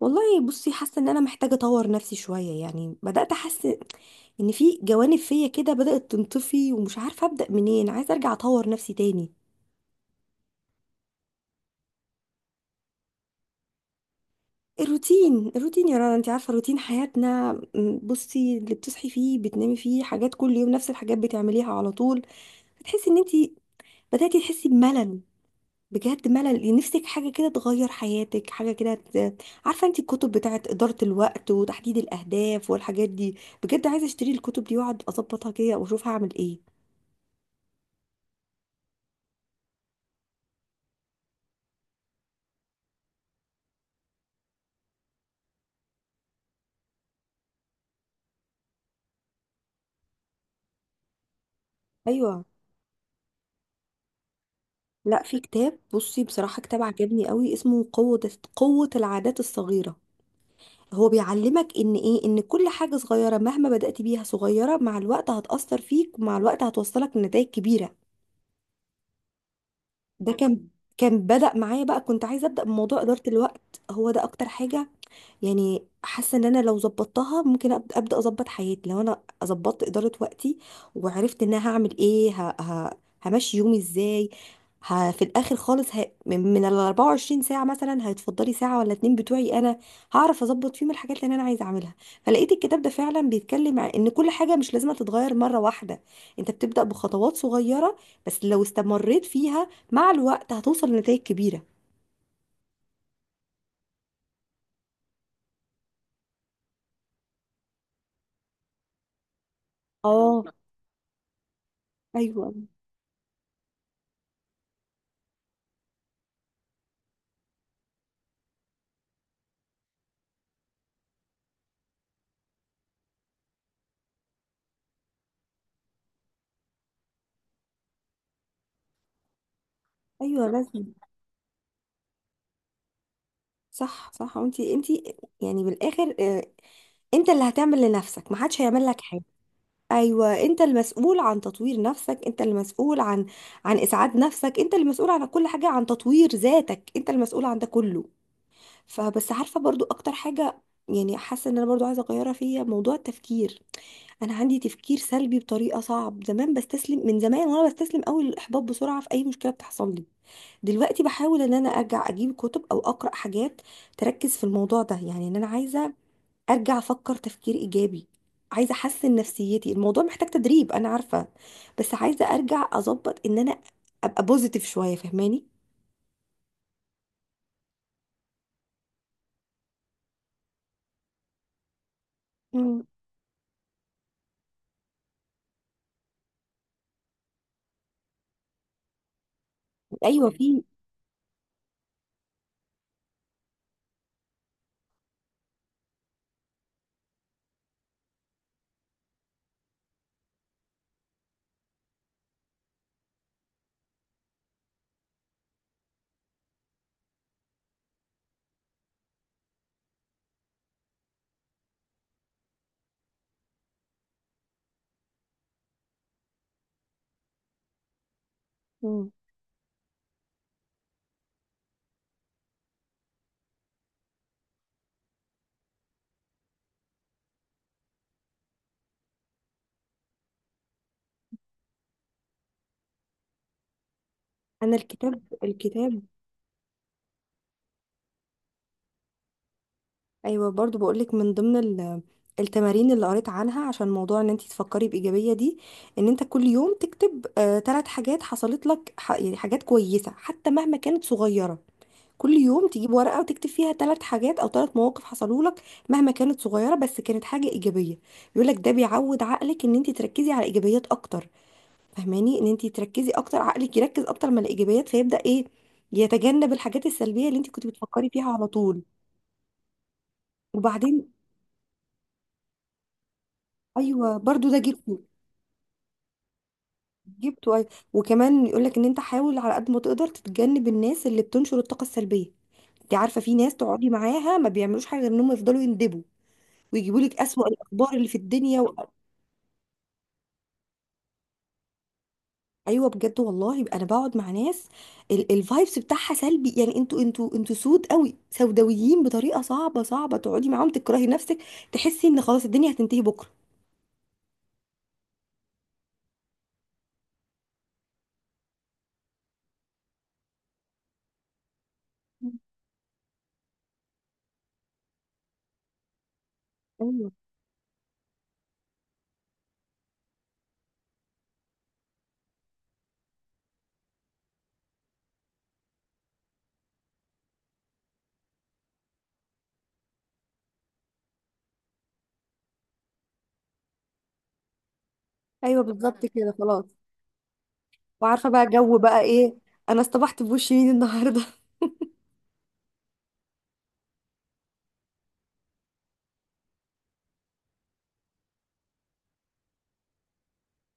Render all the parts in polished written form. والله، بصي حاسه ان انا محتاجه اطور نفسي شويه. يعني بدات احس ان في جوانب فيا كده بدات تنطفي، ومش عارفه ابدا منين عايزه ارجع اطور نفسي تاني. الروتين الروتين يا رنا، انت عارفه روتين حياتنا. بصي، اللي بتصحي فيه بتنامي فيه، حاجات كل يوم نفس الحاجات بتعمليها على طول. بتحسي ان انت بداتي تحسي بملل، بجد ملل. نفسك حاجة كده تغير حياتك، حاجة كده عارفة انت الكتب بتاعت إدارة الوقت وتحديد الأهداف والحاجات دي. بجد عايزة اشتري الكتب دي واقعد اظبطها كده واشوف هعمل ايه. ايوه. لا، في كتاب، بصي بصراحة كتاب عجبني قوي، اسمه قوة العادات الصغيرة. هو بيعلمك ان ايه، ان كل حاجة صغيرة مهما بدأت بيها صغيرة، مع الوقت هتأثر فيك ومع الوقت هتوصلك لنتائج كبيرة. ده كان بدأ معايا بقى. كنت عايزة أبدأ بموضوع إدارة الوقت، هو ده أكتر حاجة. يعني حاسه ان انا لو ظبطتها ممكن ابدا اظبط حياتي، لو انا ظبطت اداره وقتي وعرفت ان انا هعمل ايه، همشي يومي ازاي، في الاخر خالص من ال 24 ساعه مثلا هيتفضلي ساعه ولا اتنين بتوعي انا، هعرف اظبط فيهم الحاجات اللي انا عايزه اعملها. فلقيت الكتاب ده فعلا بيتكلم عن ان كل حاجه مش لازم تتغير مره واحده، انت بتبدا بخطوات صغيره، بس لو استمريت فيها مع الوقت هتوصل لنتائج كبيره. اه. ايوه. ايوه لازم. صح صح. وانت يعني بالاخر، انت اللي هتعمل لنفسك، محدش هيعمل لك حاجه. ايوه، انت المسؤول عن تطوير نفسك، انت المسؤول عن اسعاد نفسك، انت المسؤول عن كل حاجه، عن تطوير ذاتك، انت المسؤول عن ده كله. فبس عارفه برضو اكتر حاجه يعني حاسه ان انا برضو عايزه اغيرها فيا، موضوع التفكير. انا عندي تفكير سلبي بطريقه صعب. زمان بستسلم، من زمان وانا بستسلم قوي للاحباط بسرعه في اي مشكله بتحصل لي. دلوقتي بحاول ان انا ارجع اجيب كتب او اقرا حاجات تركز في الموضوع ده، يعني ان انا عايزه ارجع افكر تفكير ايجابي، عايزه احسن نفسيتي. الموضوع محتاج تدريب انا عارفه، بس عايزه ارجع اظبط ان انا ابقى بوزيتيف شويه. فاهماني؟ مم. ايوه في. مم. انا الكتاب ايوه، برضو بقولك، من ضمن التمارين اللي قريت عنها عشان موضوع ان انت تفكري بايجابيه دي، ان انت كل يوم تكتب ثلاث حاجات حصلت لك، يعني حاجات كويسه حتى مهما كانت صغيره. كل يوم تجيب ورقة وتكتب فيها ثلاث حاجات أو ثلاث مواقف حصلوا لك مهما كانت صغيرة، بس كانت حاجة إيجابية. بيقول لك ده بيعود عقلك إن أنت تركزي على إيجابيات أكتر، فهماني؟ إن أنت تركزي أكتر، عقلك يركز أكتر من الإيجابيات فيبدأ إيه، يتجنب الحاجات السلبية اللي أنت كنت بتفكري فيها على طول. وبعدين أيوه برضو ده جبته. جبته أيوة. وكمان يقول لك إن أنت حاول على قد ما تقدر تتجنب الناس اللي بتنشر الطاقة السلبية. أنت عارفة في ناس تقعدي معاها ما بيعملوش حاجة غير إنهم يفضلوا يندبوا ويجيبوا لك اسوأ الاخبار اللي في الدنيا و... ايوه بجد والله. يبقى انا بقعد مع ناس الفايبس بتاعها سلبي يعني، انتوا سود قوي، سوداويين بطريقه صعبه، صعبه تقعدي معاهم، تكرهي نفسك، تحسي ان خلاص الدنيا هتنتهي بكره. ايوه. ايوه بالظبط كده خلاص. وعارفه بقى جو بقى ايه، انا اصطبحت بوش مين النهارده.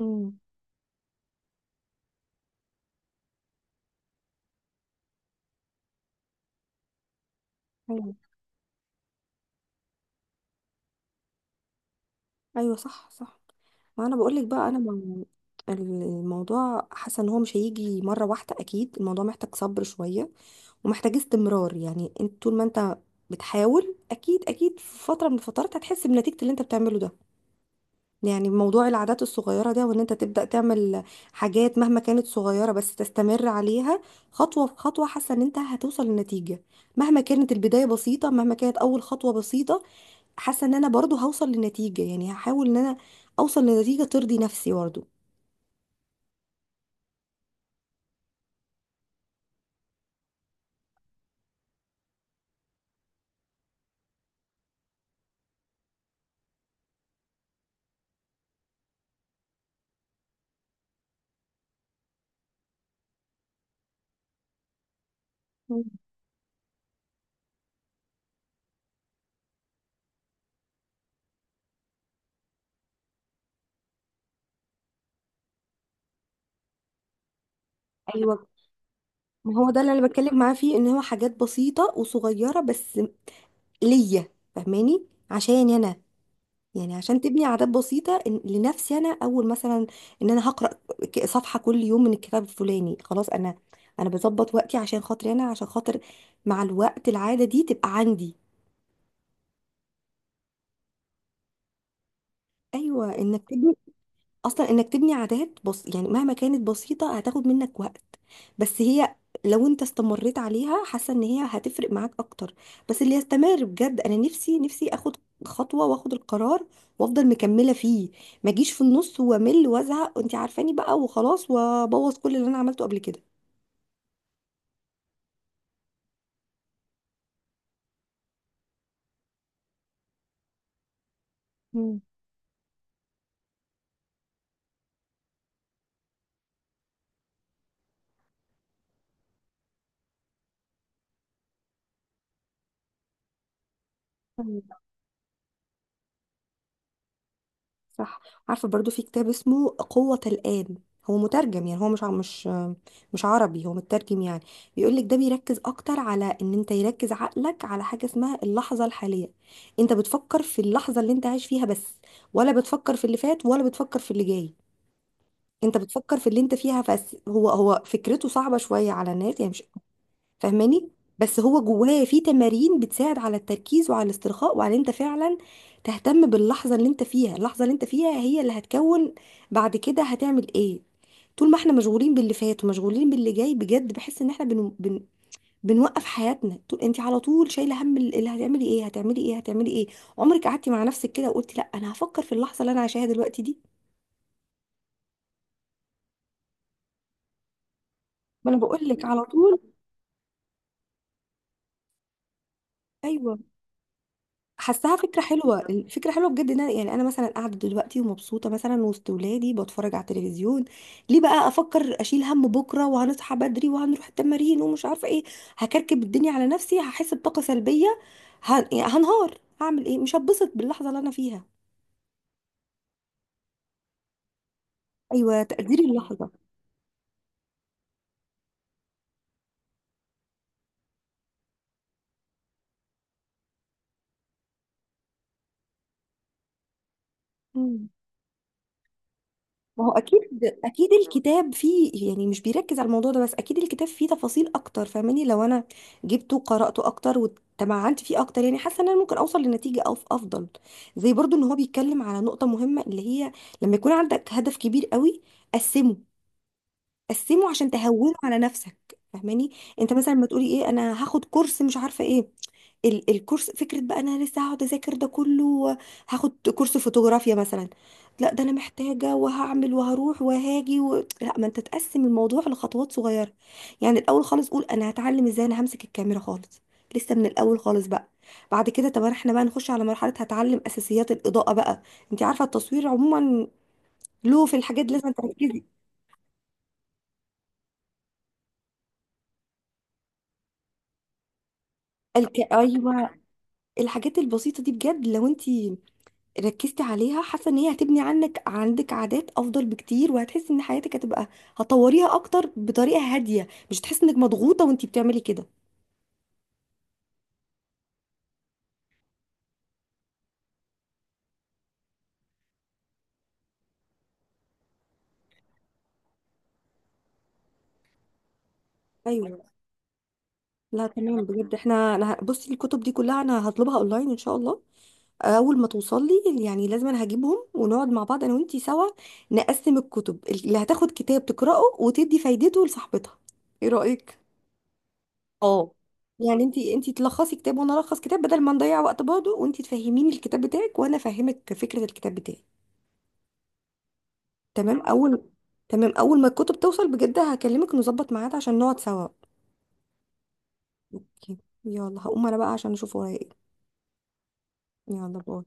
امم. ايوه. ايوه صح صح. ما انا بقول لك بقى انا ما. الموضوع حاسه ان هو مش هيجي مره واحده، اكيد الموضوع محتاج صبر شويه ومحتاجة استمرار. يعني انت طول ما انت بتحاول اكيد اكيد في فترة من الفترات هتحس بنتيجة اللي انت بتعمله ده. يعني موضوع العادات الصغيرة ده، وان انت تبدأ تعمل حاجات مهما كانت صغيرة بس تستمر عليها خطوة بخطوة، حاسة ان انت هتوصل لنتيجة مهما كانت البداية بسيطة، مهما كانت اول خطوة بسيطة، حاسة ان انا برضو هوصل لنتيجة. يعني هحاول ان انا اوصل لنتيجة ترضي نفسي برضو. مم. ايوه، ما هو ده اللي انا بتكلم معاه فيه، ان هو حاجات بسيطه وصغيره بس ليا. فاهماني؟ عشاني انا يعني، عشان تبني عادات بسيطة، لنفسي انا اول مثلا ان انا هقرأ صفحة كل يوم من الكتاب الفلاني خلاص. انا انا بظبط وقتي عشان خاطري انا، عشان خاطر مع الوقت العادة دي تبقى عندي. ايوه انك تبني اصلا، انك تبني عادات بص، يعني مهما كانت بسيطه هتاخد منك وقت، بس هي لو انت استمريت عليها حاسه ان هي هتفرق معاك اكتر. بس اللي يستمر بجد. انا نفسي اخد خطوه واخد القرار وافضل مكمله فيه. ما اجيش في النص وامل وازهق، وانت عارفاني بقى وخلاص، وابوظ كل اللي انا عملته قبل كده. مم. صح. عارفة برضو في كتاب اسمه قوة الآن، هو مترجم يعني، هو مش مش عربي، هو مترجم يعني. بيقولك ده بيركز أكتر على إن أنت يركز عقلك على حاجة اسمها اللحظة الحالية. أنت بتفكر في اللحظة اللي أنت عايش فيها بس، ولا بتفكر في اللي فات ولا بتفكر في اللي جاي. أنت بتفكر في اللي أنت فيها بس. هو فكرته صعبة شوية على الناس، يعني مش فاهماني؟ بس هو جواه في تمارين بتساعد على التركيز وعلى الاسترخاء وعلى ان انت فعلا تهتم باللحظه اللي انت فيها. اللحظه اللي انت فيها هي اللي هتكون بعد كده، هتعمل ايه. طول ما احنا مشغولين باللي فات ومشغولين باللي جاي، بجد بحس ان احنا بنوقف حياتنا. طول انت على طول شايله هم اللي هتعملي ايه، هتعملي ايه، هتعملي ايه. عمرك قعدتي مع نفسك كده وقلتي لا انا هفكر في اللحظه اللي انا عايشاها دلوقتي دي؟ ما انا بقول لك على طول. ايوه. حاساها فكرة حلوة، الفكرة حلوة بجد ان يعني انا مثلا قاعدة دلوقتي ومبسوطة مثلا وسط ولادي بتفرج على التلفزيون، ليه بقى افكر اشيل هم بكرة وهنصحى بدري وهنروح التمارين ومش عارفة ايه، هكركب الدنيا على نفسي، هحس بطاقة سلبية، يعني هنهار، هعمل ايه مش هتبسط باللحظة اللي انا فيها. ايوه تقدير اللحظة. ما هو اكيد اكيد الكتاب فيه يعني، مش بيركز على الموضوع ده بس، اكيد الكتاب فيه تفاصيل اكتر فاهماني؟ لو انا جبته وقراته اكتر وتمعنت فيه اكتر، يعني حاسه ان انا ممكن اوصل لنتيجه أو افضل. زي برضو ان هو بيتكلم على نقطه مهمه، اللي هي لما يكون عندك هدف كبير قوي، قسمه قسمه عشان تهونه على نفسك. فاهماني؟ انت مثلا ما تقولي ايه انا هاخد كورس مش عارفه ايه، الكورس فكره بقى انا لسه هقعد اذاكر ده كله، هاخد كورس فوتوغرافيا مثلا، لا ده انا محتاجه وهعمل وهروح وهاجي و... لا، ما انت تقسم الموضوع لخطوات صغيره. يعني الاول خالص قول انا هتعلم ازاي انا همسك الكاميرا خالص، لسه من الاول خالص بقى. بعد كده طب احنا بقى نخش على مرحله هتعلم اساسيات الاضاءه بقى. انت عارفه التصوير عموما له في الحاجات لازم تركزي. ايوه. الحاجات البسيطة دي بجد، لو انتي ركزتي عليها حاسة ان هي هتبني عنك عندك عادات افضل بكتير، وهتحسي ان حياتك هتبقى هتطوريها اكتر بطريقة هادية، مش هتحسي انك مضغوطة وانتي بتعملي كده. ايوه. لا تمام بجد. احنا انا بصي الكتب دي كلها انا هطلبها اونلاين ان شاء الله. اول ما توصل لي يعني، لازم انا هجيبهم ونقعد مع بعض انا وانتي سوا، نقسم الكتب اللي هتاخد كتاب تقراه وتدي فايدته لصاحبتها. ايه رأيك؟ اه، يعني انت تلخصي كتاب وانا الخص كتاب، بدل ما نضيع وقت برضه، وانت تفهميني الكتاب بتاعك وانا افهمك فكره الكتاب بتاعي. تمام اول تمام. اول ما الكتب توصل بجد هكلمك نظبط ميعاد عشان نقعد سوا. اوكي. يلا هقوم انا بقى عشان اشوف ورايا ايه. يلا باي.